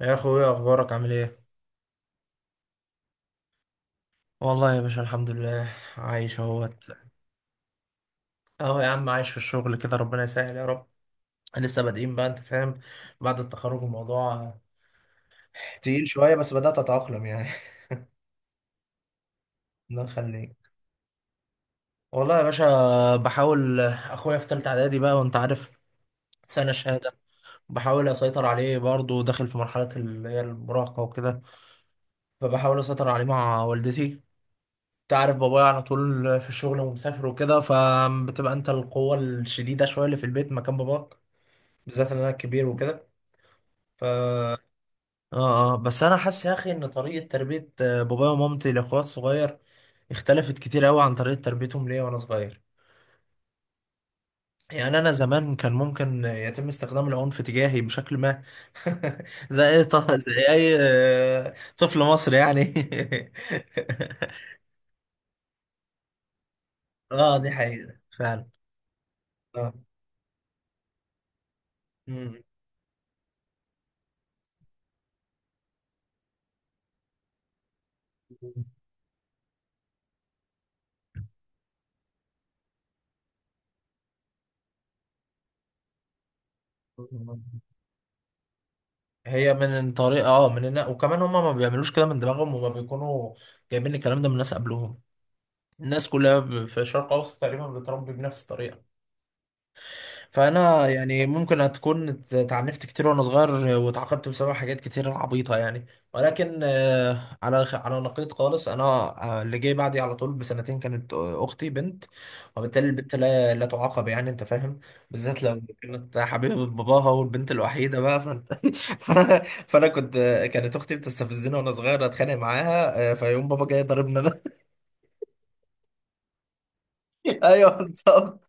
يا اخويا، اخبارك عامل ايه؟ والله يا باشا، الحمد لله عايش اهوت. اهو يا عم، عايش في الشغل كده، ربنا يسهل يا رب. لسه بادئين بقى، انت فاهم، بعد التخرج الموضوع تقيل شويه، بس بدات اتاقلم يعني. الله يخليك. والله يا باشا، بحاول اخويا في تالتة اعدادي بقى، وانت عارف سنه شهاده. بحاول اسيطر عليه، برضه داخل في مرحله اللي هي المراهقه وكده، فبحاول اسيطر عليه مع والدتي. تعرف بابايا على طول في الشغل ومسافر وكده، فبتبقى انت القوة الشديدة شوية اللي في البيت مكان باباك. بالذات ان انا الكبير وكده. ف اه اه بس انا حاسس يا اخي ان طريقة تربية بابايا ومامتي لاخويا الصغير اختلفت كتير قوي عن طريقة تربيتهم ليا وانا صغير. يعني انا زمان كان ممكن يتم استخدام العنف تجاهي بشكل ما. زي اي طفل مصري يعني. اه، دي حقيقة فعلا. اه. مم. هي من طريقة وكمان هما ما بيعملوش كده من دماغهم، هما بيكونوا جايبين الكلام ده من ناس قبلهم. الناس كلها في الشرق الاوسط تقريبا بتربي بنفس الطريقة. فانا يعني ممكن هتكون اتعنفت كتير وانا صغير، واتعاقبت بسبب حاجات كتير عبيطه يعني. ولكن على نقيض خالص، انا اللي جاي بعدي على طول بسنتين، كانت اختي بنت. وبالتالي البنت لا لا تعاقب يعني، انت فاهم. بالذات لو كانت حبيبه باباها والبنت الوحيده بقى، فانا فانا كنت آه، كانت اختي بتستفزني وانا صغير، اتخانق معاها، فيقوم بابا جاي ضاربني انا. ايوه، بالظبط.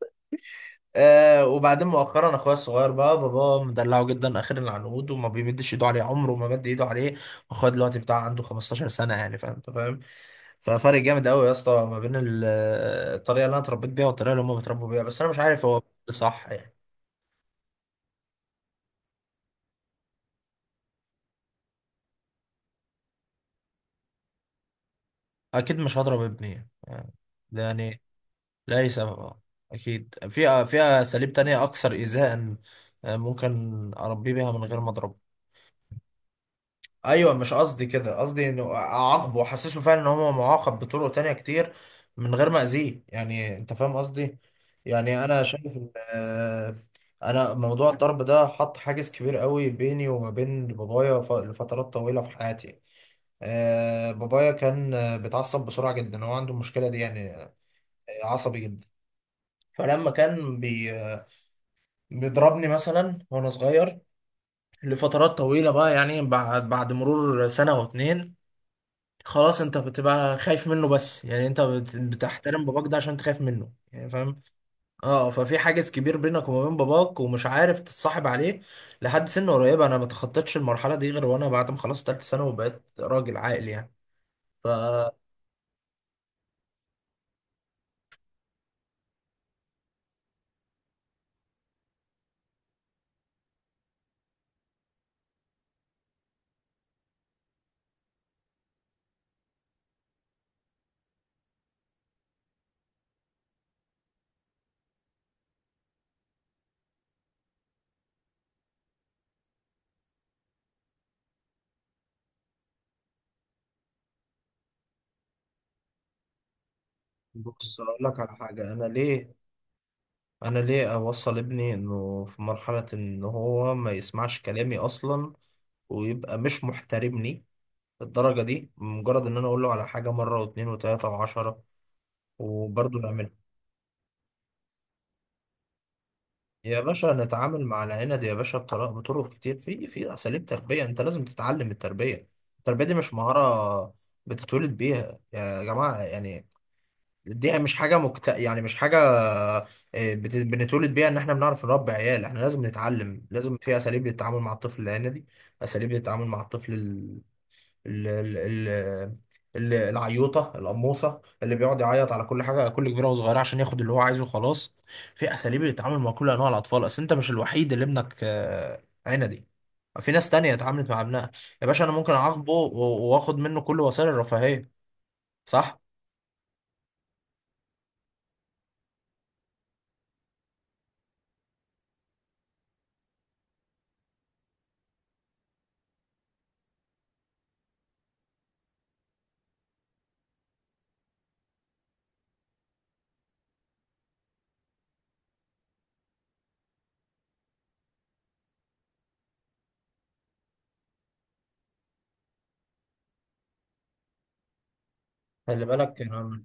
وبعدين مؤخرا اخويا الصغير بقى بابا مدلعه جدا، اخر العنقود، وما بيمدش ايده عليه، عمره ما مد ايده عليه. واخويا دلوقتي بتاع عنده 15 سنه يعني، فاهم، انت فاهم. ففرق جامد قوي يا اسطى ما بين الطريقه اللي انا اتربيت بيها والطريقه اللي هم بيتربوا بيها، بس انا مش عارف هو صح يعني. اكيد مش هضرب ابني يعني، ده يعني، لاي سبب اه. اكيد في اساليب تانية اكثر ايذاء، ممكن اربيه بيها من غير ما اضربه. ايوه، مش قصدي كده، قصدي انه اعاقبه واحسسه فعلا ان هو معاقب بطرق تانية كتير من غير ما اذيه، يعني انت فاهم قصدي. يعني انا شايف ان آه، انا موضوع الضرب ده حط حاجز كبير قوي بيني وما بين بابايا لفترات طويلة في حياتي. بابايا كان بيتعصب بسرعة جدا، هو عنده المشكلة دي يعني، عصبي جدا. فلما كان بي آه، بيضربني مثلا وانا صغير لفترات طويلة بقى يعني، بعد مرور سنة واتنين، خلاص انت بتبقى خايف منه بس يعني، انت بتحترم باباك ده عشان انت خايف منه يعني، فاهم. اه، ففي حاجز كبير بينك وما بين باباك ومش عارف تتصاحب عليه لحد سن قريبه. انا ما تخطيتش المرحله دي غير وانا بعد ما خلصت ثالثه ثانوي وبقيت راجل عاقل يعني. ف بص، اقول لك على حاجه، انا ليه اوصل ابني انه في مرحله ان هو ما يسمعش كلامي اصلا، ويبقى مش محترمني الدرجه دي، مجرد ان انا اقول له على حاجه مره واتنين وتلاته وعشره وبرضه نعملها. يا باشا نتعامل مع العنب يا باشا بطرق كتير، في اساليب تربيه، انت لازم تتعلم التربيه. التربيه دي مش مهاره بتتولد بيها يا جماعه يعني. دي مش حاجه بنتولد بيها ان احنا بنعرف نربي عيال، احنا لازم نتعلم، لازم في اساليب للتعامل مع الطفل العنيدي، اساليب للتعامل مع الطفل ال ال ال العيوطه القموصه اللي بيقعد يعيط على كل حاجه كل كبيره وصغيره عشان ياخد اللي هو عايزه، خلاص. في اساليب للتعامل مع كل انواع الاطفال، اصل انت مش الوحيد اللي ابنك عندي، في ناس تانية اتعاملت مع ابنها. يا باشا انا ممكن اعاقبه واخد منه كل وسائل الرفاهيه، صح. خلي بالك انا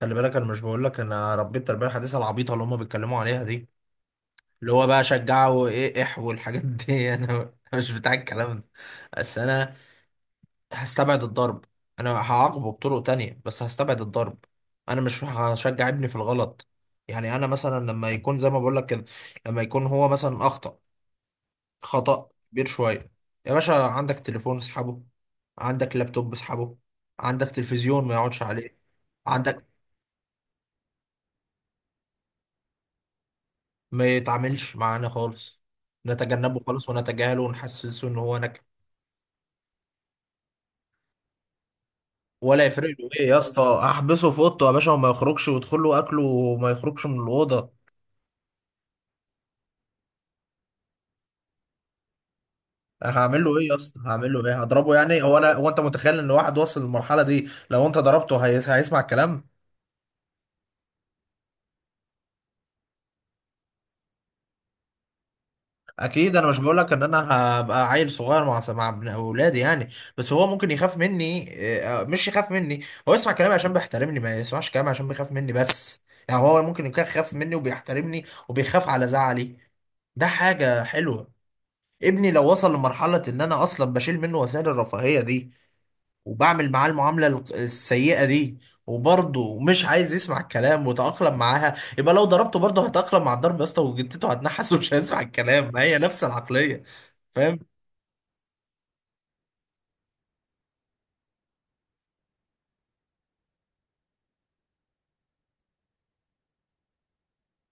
خلي بالك انا مش بقول لك انا ربيت التربيه الحديثه العبيطه اللي هم بيتكلموا عليها دي، اللي هو بقى شجعه وايه والحاجات دي. انا مش بتاع الكلام ده. بس انا هستبعد الضرب. انا هعاقبه بطرق تانية بس هستبعد الضرب. انا مش هشجع ابني في الغلط. يعني انا مثلا لما يكون زي ما بقول لك كده، لما يكون هو مثلا اخطأ خطأ كبير شوية، يا باشا عندك تليفون اسحبه، عندك لابتوب اسحبه، عندك تلفزيون ما يقعدش عليه، عندك ما يتعاملش معانا خالص، نتجنبه خالص ونتجاهله ونحسسه ان هو نكد، ولا يفرق له ايه يا اسطى. احبسه في اوضته يا باشا، وما يخرجش، ويدخل له اكله وما يخرجش من الاوضه. هعمل له ايه يا اسطى، هعمل له ايه، هضربه يعني؟ هو انت متخيل ان واحد وصل للمرحله دي لو انت ضربته هيسمع الكلام؟ اكيد انا مش بقول لك ان انا هبقى عيل صغير مع ابن اولادي يعني، بس هو ممكن يخاف مني، مش يخاف مني، هو يسمع كلامي عشان بيحترمني، ما يسمعش كلامي عشان بيخاف مني بس. يعني هو ممكن يكون خاف مني وبيحترمني وبيخاف على زعلي، ده حاجه حلوه. ابني لو وصل لمرحله ان انا اصلا بشيل منه وسائل الرفاهيه دي، وبعمل معاه المعاملة السيئة دي، وبرضه مش عايز يسمع الكلام وتأقلم معاها، يبقى لو ضربته برضه هتأقلم مع الضرب يا اسطى، وجدته هتنحس ومش هيسمع الكلام، ما هي نفس العقلية، فاهم.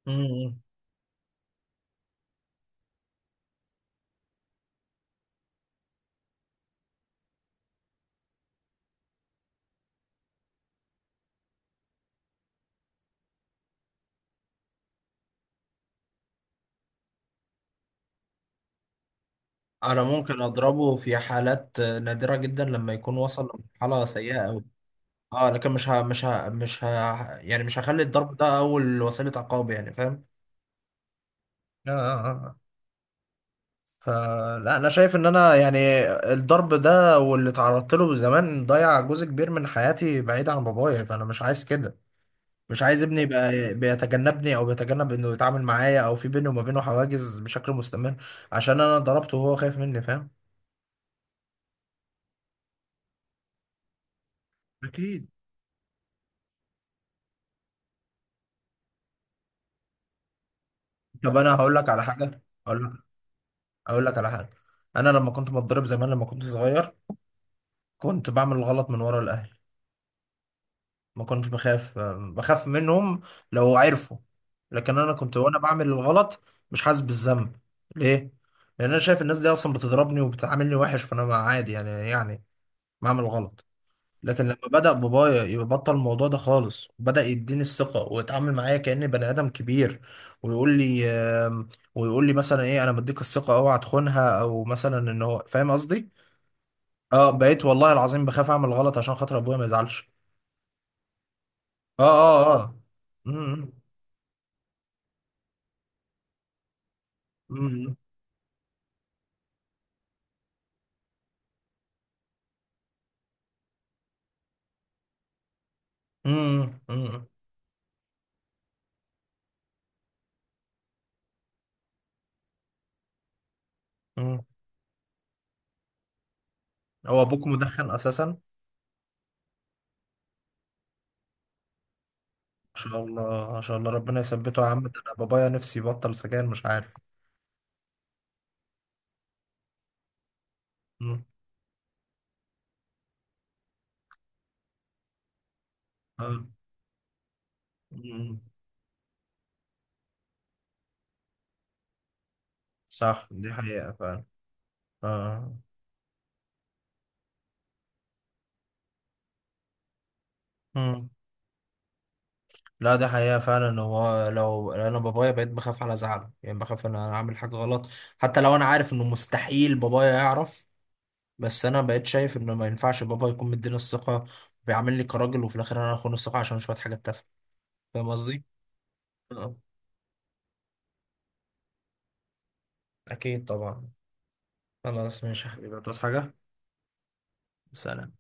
مم. انا ممكن اضربه في حالات نادرة جدا لما يكون وصل لمرحلة سيئة قوي، اه، لكن مش ه... مش ه... مش ه... يعني مش هخلي الضرب ده اول وسيلة عقاب يعني، فاهم. آه، آه، آه. فلا، انا شايف ان انا يعني الضرب ده واللي اتعرضت له زمان ضيع جزء كبير من حياتي بعيد عن بابايا، فانا مش عايز كده. مش عايز ابني يبقى بيتجنبني او بيتجنب انه يتعامل معايا، او في بيني وما بينه حواجز بشكل مستمر عشان انا ضربته وهو خايف مني، فاهم. اكيد. طب انا هقول لك على حاجه، اقول لك على حاجه، انا لما كنت بتضرب زمان لما كنت صغير، كنت بعمل غلط من ورا الاهل، ما كنتش بخاف منهم لو عرفوا، لكن انا كنت وانا بعمل الغلط مش حاسس بالذنب. ليه؟ لان انا شايف الناس دي اصلا بتضربني وبتعاملني وحش، فانا عادي يعني بعمل غلط. لكن لما بدأ بابايا يبطل الموضوع ده خالص وبدأ يديني الثقة ويتعامل معايا كأني بني آدم كبير، ويقول لي آم، ويقول لي مثلا ايه، انا مديك الثقة اوعى تخونها، او مثلا ان هو، فاهم قصدي. اه، بقيت والله العظيم بخاف اعمل غلط عشان خاطر ابويا ما يزعلش. اه، اه، اه. م- م. مم. مم. مم. مم. هو ابوك مدخن اساسا؟ ما شاء الله، ما شاء الله، ربنا يثبته يا عم، ده انا بابايا نفسي يبطل سجاير مش عارف. مم. آه. مم. صح، دي حقيقة فعلا. آه. مم. لا، دي حقيقة فعلا، هو لو انا بابايا بقيت بخاف على زعله يعني، بخاف ان انا اعمل حاجة غلط حتى لو انا عارف انه مستحيل بابايا يعرف، بس انا بقيت شايف انه ما ينفعش بابا يكون مديني الثقة، بيعاملني كراجل، وفي الاخر انا اخون الثقة عشان شوية حاجات تافهة. فاهم قصدي؟ آه. أكيد طبعا. خلاص، ماشي يا حبيبي، تصحى حاجة. سلام.